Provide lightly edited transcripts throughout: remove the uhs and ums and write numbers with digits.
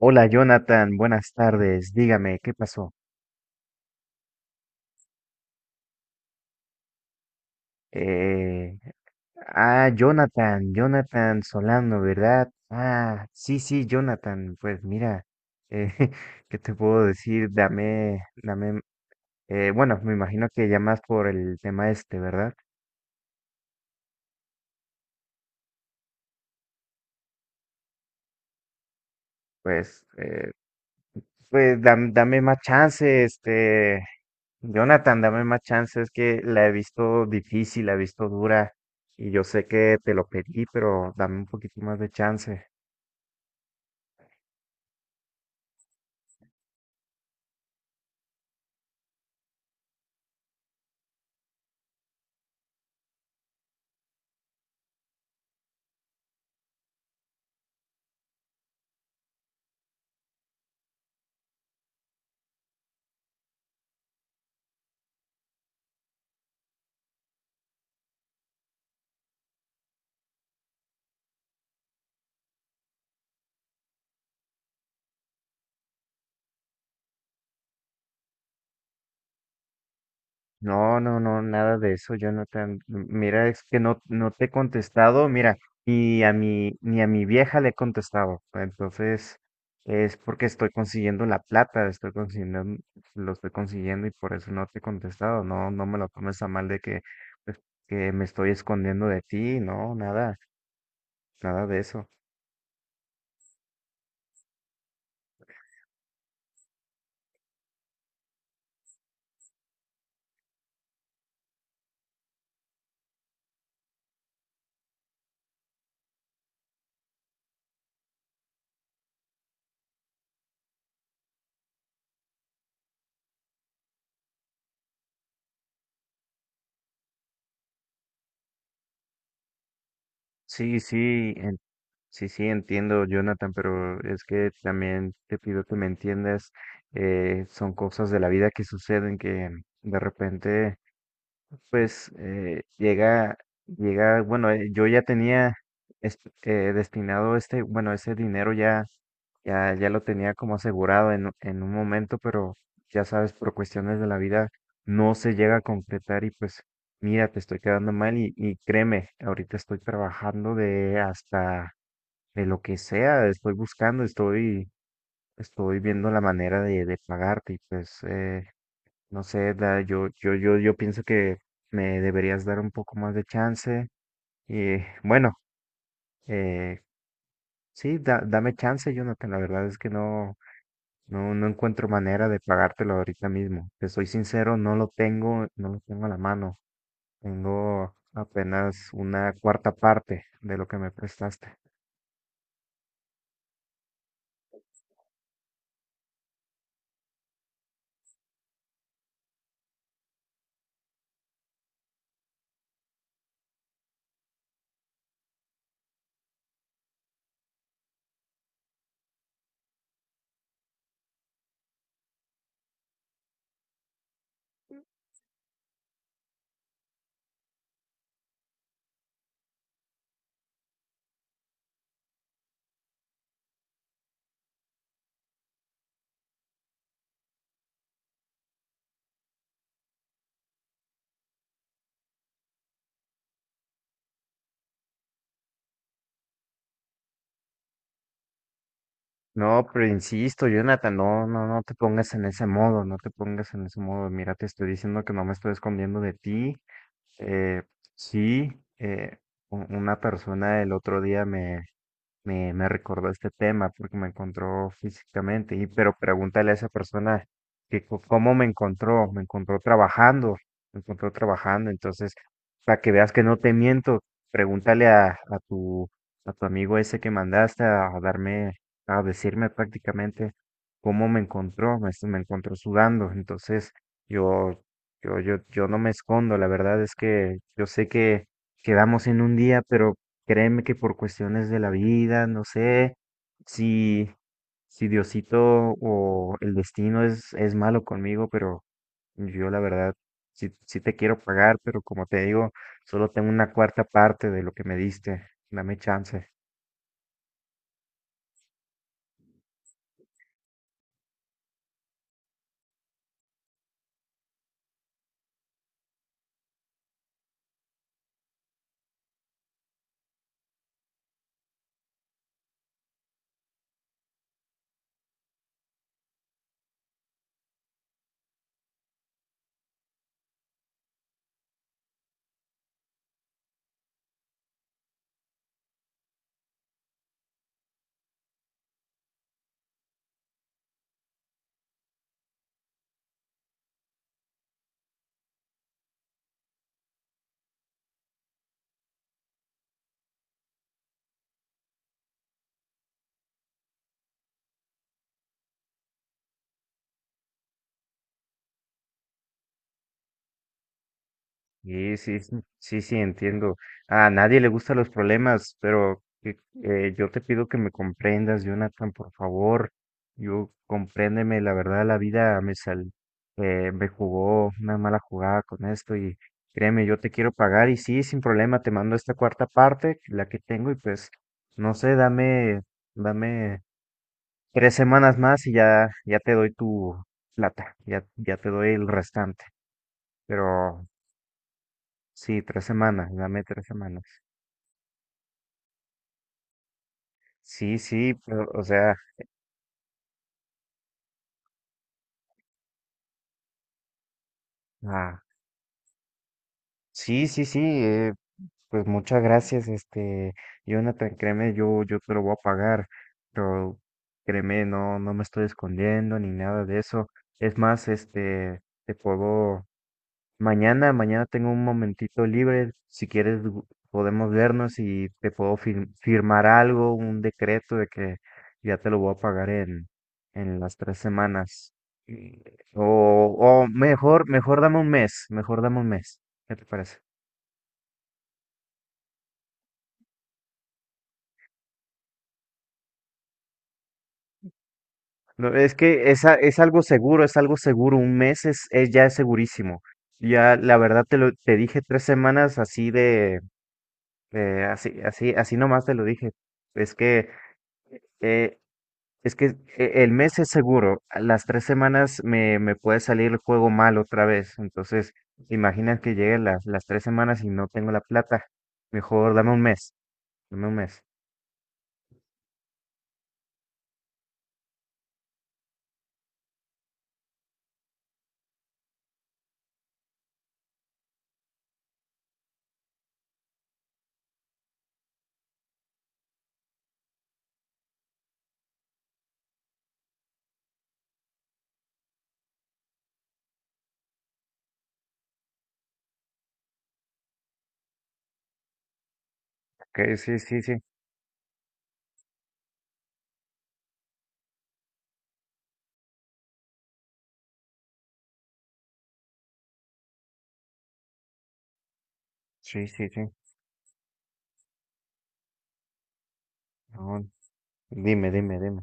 Hola Jonathan, buenas tardes. Dígame, ¿qué pasó? Eh, Jonathan, Solano, ¿verdad? Ah, sí, sí, Jonathan. Pues mira, eh, ¿qué te puedo decir? Dame, bueno, me imagino que llamas por el tema este, ¿verdad? Pues, pues dame más chance, este, Jonathan, dame más chance. Es que la he visto difícil, la he visto dura y yo sé que te lo pedí, pero dame un poquito más de chance. No, no, no, nada de eso, Jonathan. Mira, es que no te he contestado, mira, y a mi, ni a mi vieja le he contestado. Entonces, es porque estoy consiguiendo la plata, estoy consiguiendo, lo estoy consiguiendo y por eso no te he contestado. No, no me lo tomes a mal de que, pues, que me estoy escondiendo de ti, no, nada, nada de eso. Sí, sí, sí, sí, entiendo, Jonathan, pero es que también te pido que me entiendas. Son cosas de la vida que suceden que de repente, pues, llega, bueno, yo ya tenía destinado este, bueno, ese dinero ya, ya lo tenía como asegurado en un momento, pero ya sabes, por cuestiones de la vida no se llega a concretar y pues, mira, te estoy quedando mal y créeme, ahorita estoy trabajando de hasta de lo que sea, estoy buscando, estoy, estoy viendo la manera de pagarte y pues, no sé, yo, yo pienso que me deberías dar un poco más de chance y bueno, eh, sí, dame chance, Jonathan, la verdad es que no, no, no encuentro manera de pagártelo ahorita mismo, te soy sincero, no lo tengo, no lo tengo a la mano, tengo apenas una cuarta parte de lo que me prestaste. No, pero insisto, Jonathan, no, no, no te pongas en ese modo, no te pongas en ese modo. Mira, te estoy diciendo que no me estoy escondiendo de ti. Eh, sí, eh, una persona el otro día me recordó este tema porque me encontró físicamente. Y pero pregúntale a esa persona que cómo me encontró trabajando, me encontró trabajando. Entonces, para que veas que no te miento, pregúntale a tu amigo ese que mandaste a darme, a decirme prácticamente cómo me encontró, me encontró sudando. Entonces, yo, yo no me escondo, la verdad es que yo sé que quedamos en un día, pero créeme que por cuestiones de la vida, no sé si, si Diosito o el destino es malo conmigo, pero yo la verdad sí, sí te quiero pagar, pero como te digo, solo tengo una cuarta parte de lo que me diste. Dame chance. Sí, sí, sí, sí, sí, entiendo. A nadie le gustan los problemas, pero yo te pido que me comprendas, Jonathan, por favor. Yo compréndeme, la verdad, la vida me sal, me jugó una mala jugada con esto y créeme, yo te quiero pagar y sí, sin problema, te mando esta cuarta parte, la que tengo y pues, no sé, dame 3 semanas más y ya, ya te doy tu plata, ya, ya te doy el restante, pero sí, 3 semanas, dame tres semanas. Sí, sí, pero, o sea, ah, sí, sí, sí, pues muchas gracias, este, Jonathan, créeme, yo te lo voy a pagar, pero créeme, no, no me estoy escondiendo ni nada de eso. Es más, este, te puedo, mañana tengo un momentito libre. Si quieres, podemos vernos y te puedo firmar algo, un decreto de que ya te lo voy a pagar en las 3 semanas. Y- O, o mejor, mejor dame un mes, mejor dame un mes. ¿Qué te parece? No, es que es, es algo seguro, es algo seguro. Un mes es ya es segurísimo. Ya, la verdad te lo, te dije 3 semanas así de así, así, así nomás te lo dije. Es que eh, es que el mes es seguro, a las 3 semanas me puede salir el juego mal otra vez. Entonces, imagina que lleguen las 3 semanas y no tengo la plata. Mejor dame un mes, dame un mes. Ok, sí, sí, sí, sí, sí, sí. No, dime, dime, dime.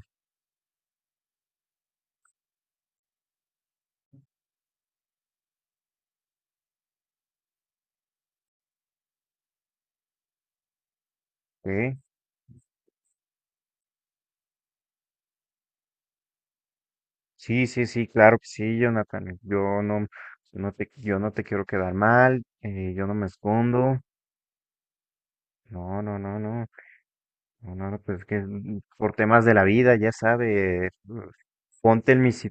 Ok, sí, sí, sí, claro que sí, Jonathan. Yo no, no te, yo no te quiero quedar mal, yo no me escondo. No, no, no, no. No, no, no, pues es que mm, por temas de la vida, ya sabe, ponte en mis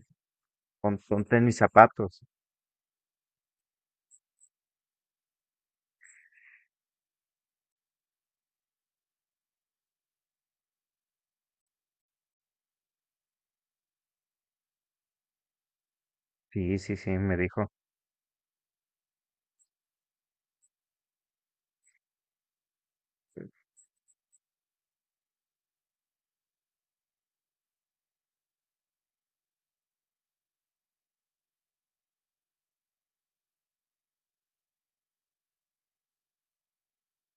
ponte en mis zapatos. Sí, sí, sí, me dijo.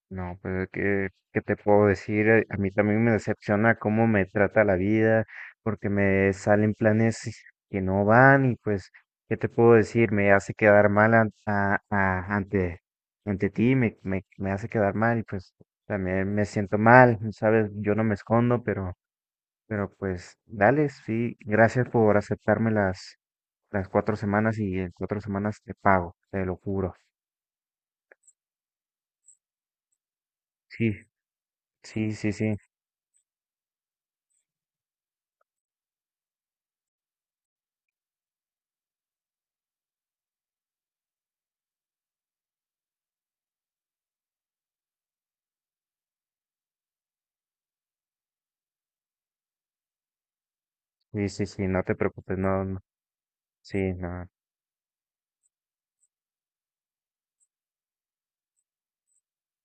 No, pues ¿qué, qué te puedo decir? A mí también me decepciona cómo me trata la vida, porque me salen planes y- que no van y pues, ¿qué te puedo decir? Me hace quedar mal ante, ante ti, me hace quedar mal y pues también me siento mal, ¿sabes? Yo no me escondo, pero pues, dale, sí, gracias por aceptarme las 4 semanas y en 4 semanas te pago, te lo juro. Sí, sí, sí, sí, sí, sí, sí, no te preocupes, no, no, sí, no,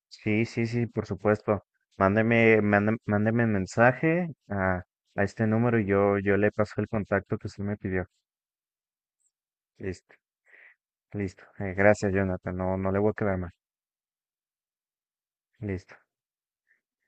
sí, sí, sí, por supuesto. Mándeme, mándeme mensaje a este número y yo le paso el contacto que usted me pidió. Listo, listo. Gracias, Jonathan, no, no le voy a quedar mal. Listo.